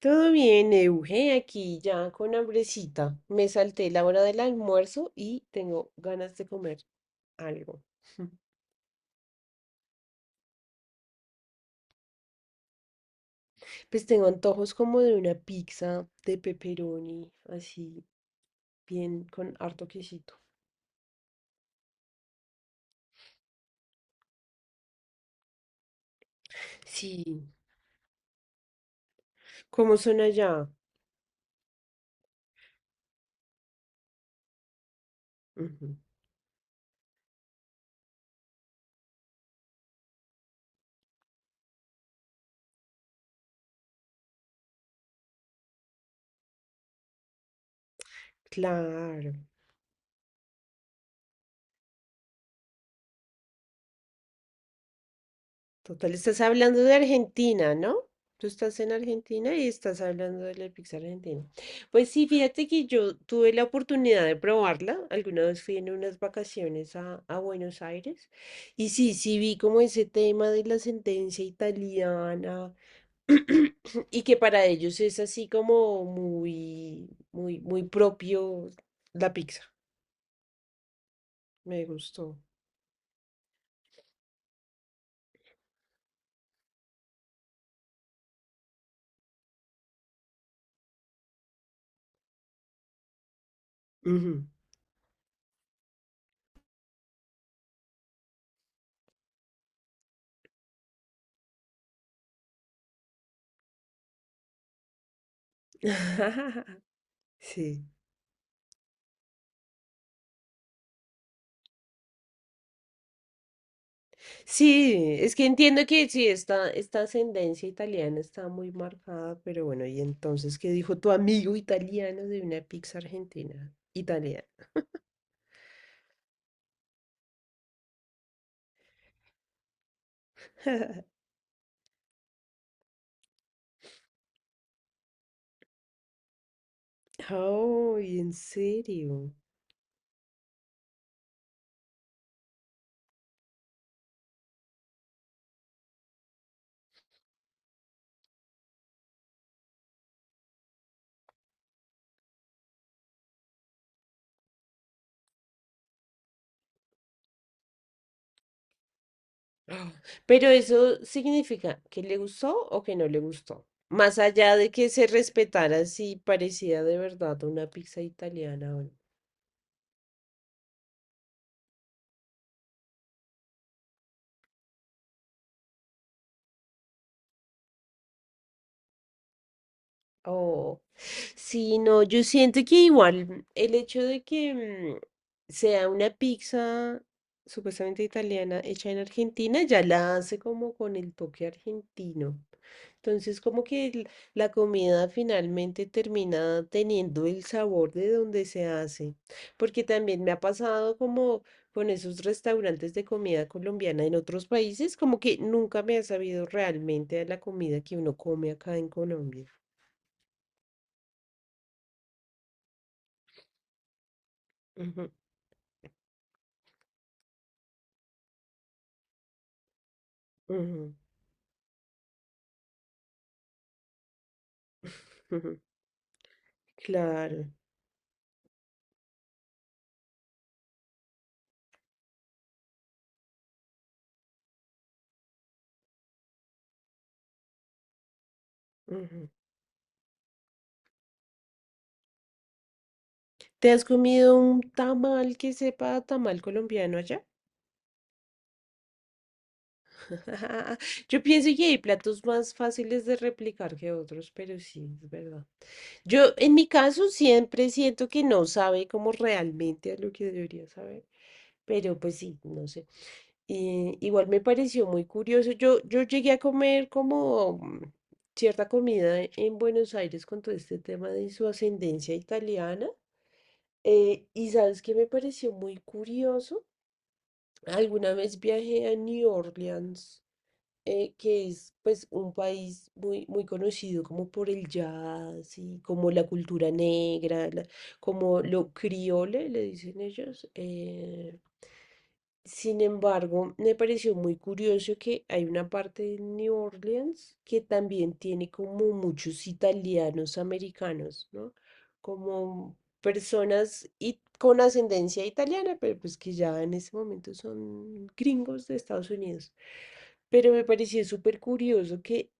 Todo bien, Euge, aquí ya con hambrecita. Me salté la hora del almuerzo y tengo ganas de comer algo. Pues tengo antojos como de una pizza de pepperoni, así, bien con harto quesito. Sí, ¿cómo son allá? Ujú. Claro. Total, estás hablando de Argentina, ¿no? Tú estás en Argentina y estás hablando de la pizza argentina. Pues sí, fíjate que yo tuve la oportunidad de probarla. Alguna vez fui en unas vacaciones a Buenos Aires. Y sí, sí vi como ese tema de la sentencia italiana y que para ellos es así como muy, muy, muy propio la pizza. Me gustó. Ujú. Sí. Sí, es que entiendo que sí, esta ascendencia italiana está muy marcada, pero bueno, y entonces, ¿qué dijo tu amigo italiano de una pizza argentina? Italiana. Oh, ¿en serio? Ah, pero eso significa que le gustó o que no le gustó. Más allá de que se respetara si parecía de verdad una pizza italiana o no. Oh, sí, no, yo siento que igual el hecho de que sea una pizza supuestamente italiana hecha en Argentina ya la hace como con el toque argentino. Entonces, como que la comida finalmente termina teniendo el sabor de donde se hace. Porque también me ha pasado como con esos restaurantes de comida colombiana en otros países, como que nunca me ha sabido realmente a la comida que uno come acá en Colombia. Ujú. Claro. Ujú. ¿Te has comido un tamal que sepa a tamal colombiano allá? Yo pienso que hay platos más fáciles de replicar que otros, pero sí, es verdad. Yo, en mi caso, siempre siento que no sabe como realmente a lo que debería saber, pero pues sí, no sé. Igual me pareció muy curioso. Yo llegué a comer como cierta comida en Buenos Aires con todo este tema de su ascendencia italiana. Y sabes que me pareció muy curioso. Alguna vez viajé a New Orleans, que es pues un país muy, muy conocido como por el jazz y como la cultura negra, como lo criole, le dicen ellos. Sin embargo, me pareció muy curioso que hay una parte de New Orleans que también tiene como muchos italianos americanos, ¿no? Como personas y con ascendencia italiana, pero pues que ya en ese momento son gringos de Estados Unidos. Pero me pareció súper curioso que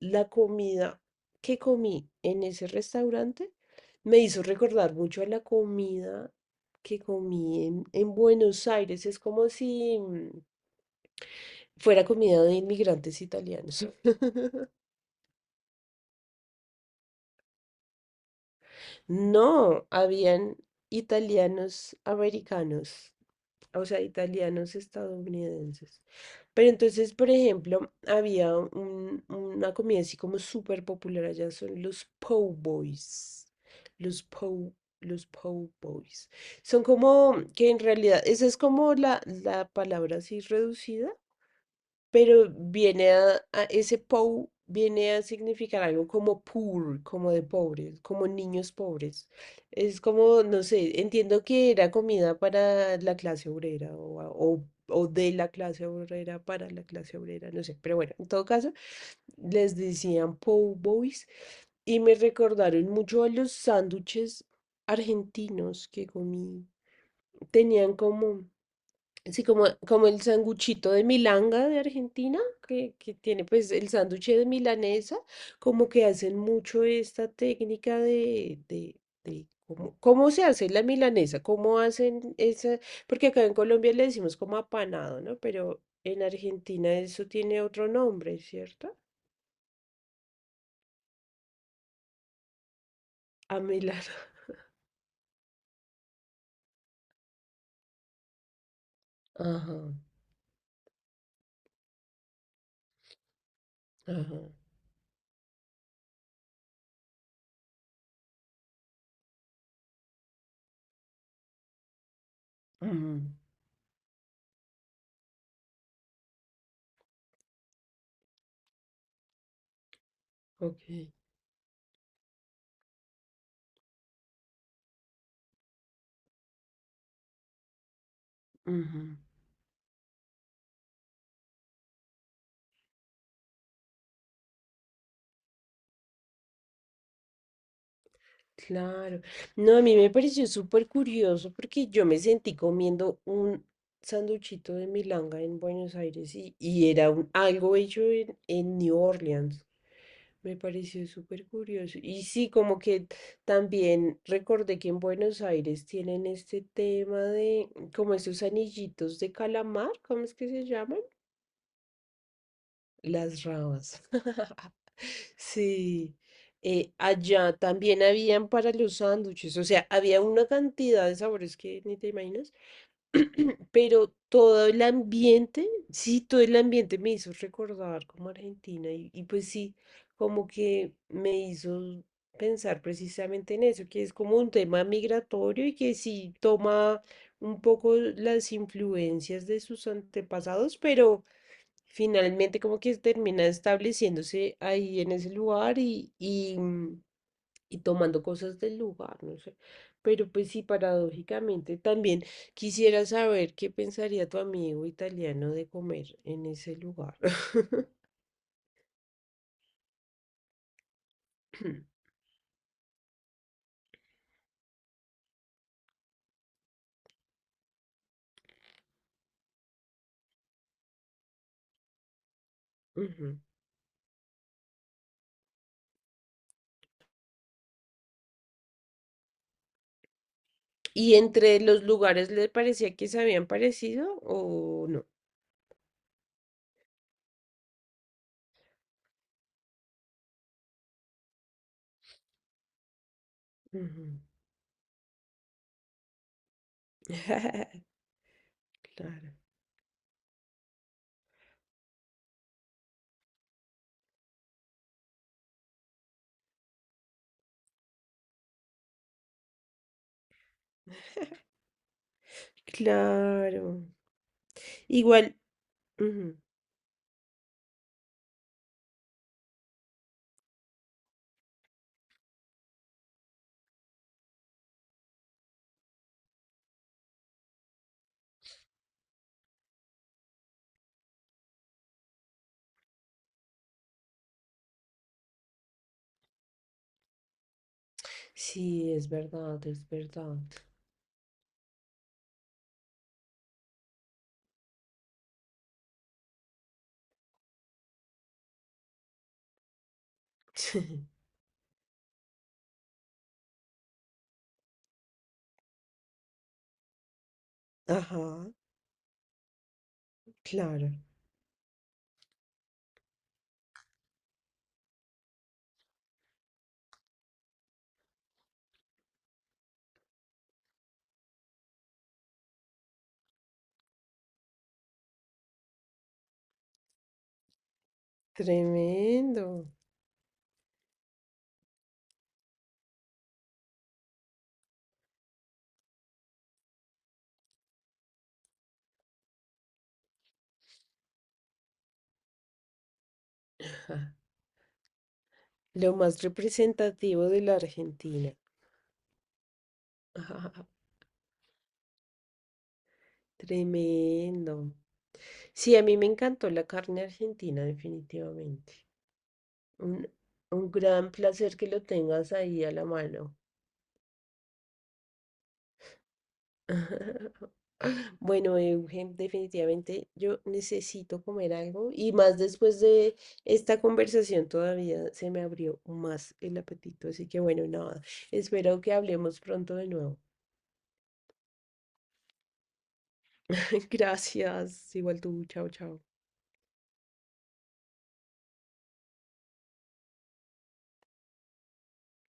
la comida que comí en ese restaurante me hizo recordar mucho a la comida que comí en Buenos Aires. Es como si fuera comida de inmigrantes italianos. No, habían italianos americanos, o sea, italianos estadounidenses. Pero entonces, por ejemplo, había una comida así como súper popular allá, son los po' boys. Los po', los po' boys. Son como, que en realidad, esa es como la palabra así reducida, pero viene a ese pou viene a significar algo como poor, como de pobres, como niños pobres. Es como, no sé, entiendo que era comida para la clase obrera o de la clase obrera para la clase obrera, no sé, pero bueno, en todo caso, les decían pou boys y me recordaron mucho a los sándwiches argentinos que comí. Tenían como sí, como, como el sanguchito de milanga de Argentina, que tiene pues el sándwich de milanesa, como que hacen mucho esta técnica de cómo, cómo se hace la milanesa, cómo hacen esa, porque acá en Colombia le decimos como apanado, ¿no? Pero en Argentina eso tiene otro nombre, ¿cierto? A Milana. Ajá, ajá. Ujú. Ok. Ujú. Claro. No, a mí me pareció súper curioso porque yo me sentí comiendo un sanduchito de milanga en Buenos Aires y era algo hecho en New Orleans. Me pareció súper curioso. Y sí, como que también recordé que en Buenos Aires tienen este tema de como esos anillitos de calamar, ¿cómo es que se llaman? Las ramas. Sí. Allá también habían para los sándwiches. O sea, había una cantidad de sabores que ni te imaginas. Pero todo el ambiente, sí, todo el ambiente me hizo recordar como Argentina. Y pues sí, como que me hizo pensar precisamente en eso, que es como un tema migratorio y que sí toma un poco las influencias de sus antepasados, pero finalmente como que termina estableciéndose ahí en ese lugar y, y, y tomando cosas del lugar, no sé. Pero pues sí, paradójicamente también quisiera saber qué pensaría tu amigo italiano de comer en ese lugar. Ujú. ¿Y entre los lugares le parecía que se habían parecido o no? Ujú. Claro. Claro. Igual. Ujú. Sí, es verdad, es verdad. Ajá, claro. Tremendo. Lo más representativo de la Argentina. Tremendo. Sí, a mí me encantó la carne argentina, definitivamente. Un, un gran placer que lo tengas ahí a la mano. Bueno, Eugen, definitivamente yo necesito comer algo y más después de esta conversación todavía se me abrió más el apetito, así que bueno, nada, espero que hablemos pronto de nuevo. Gracias, igual tú, chao, chao.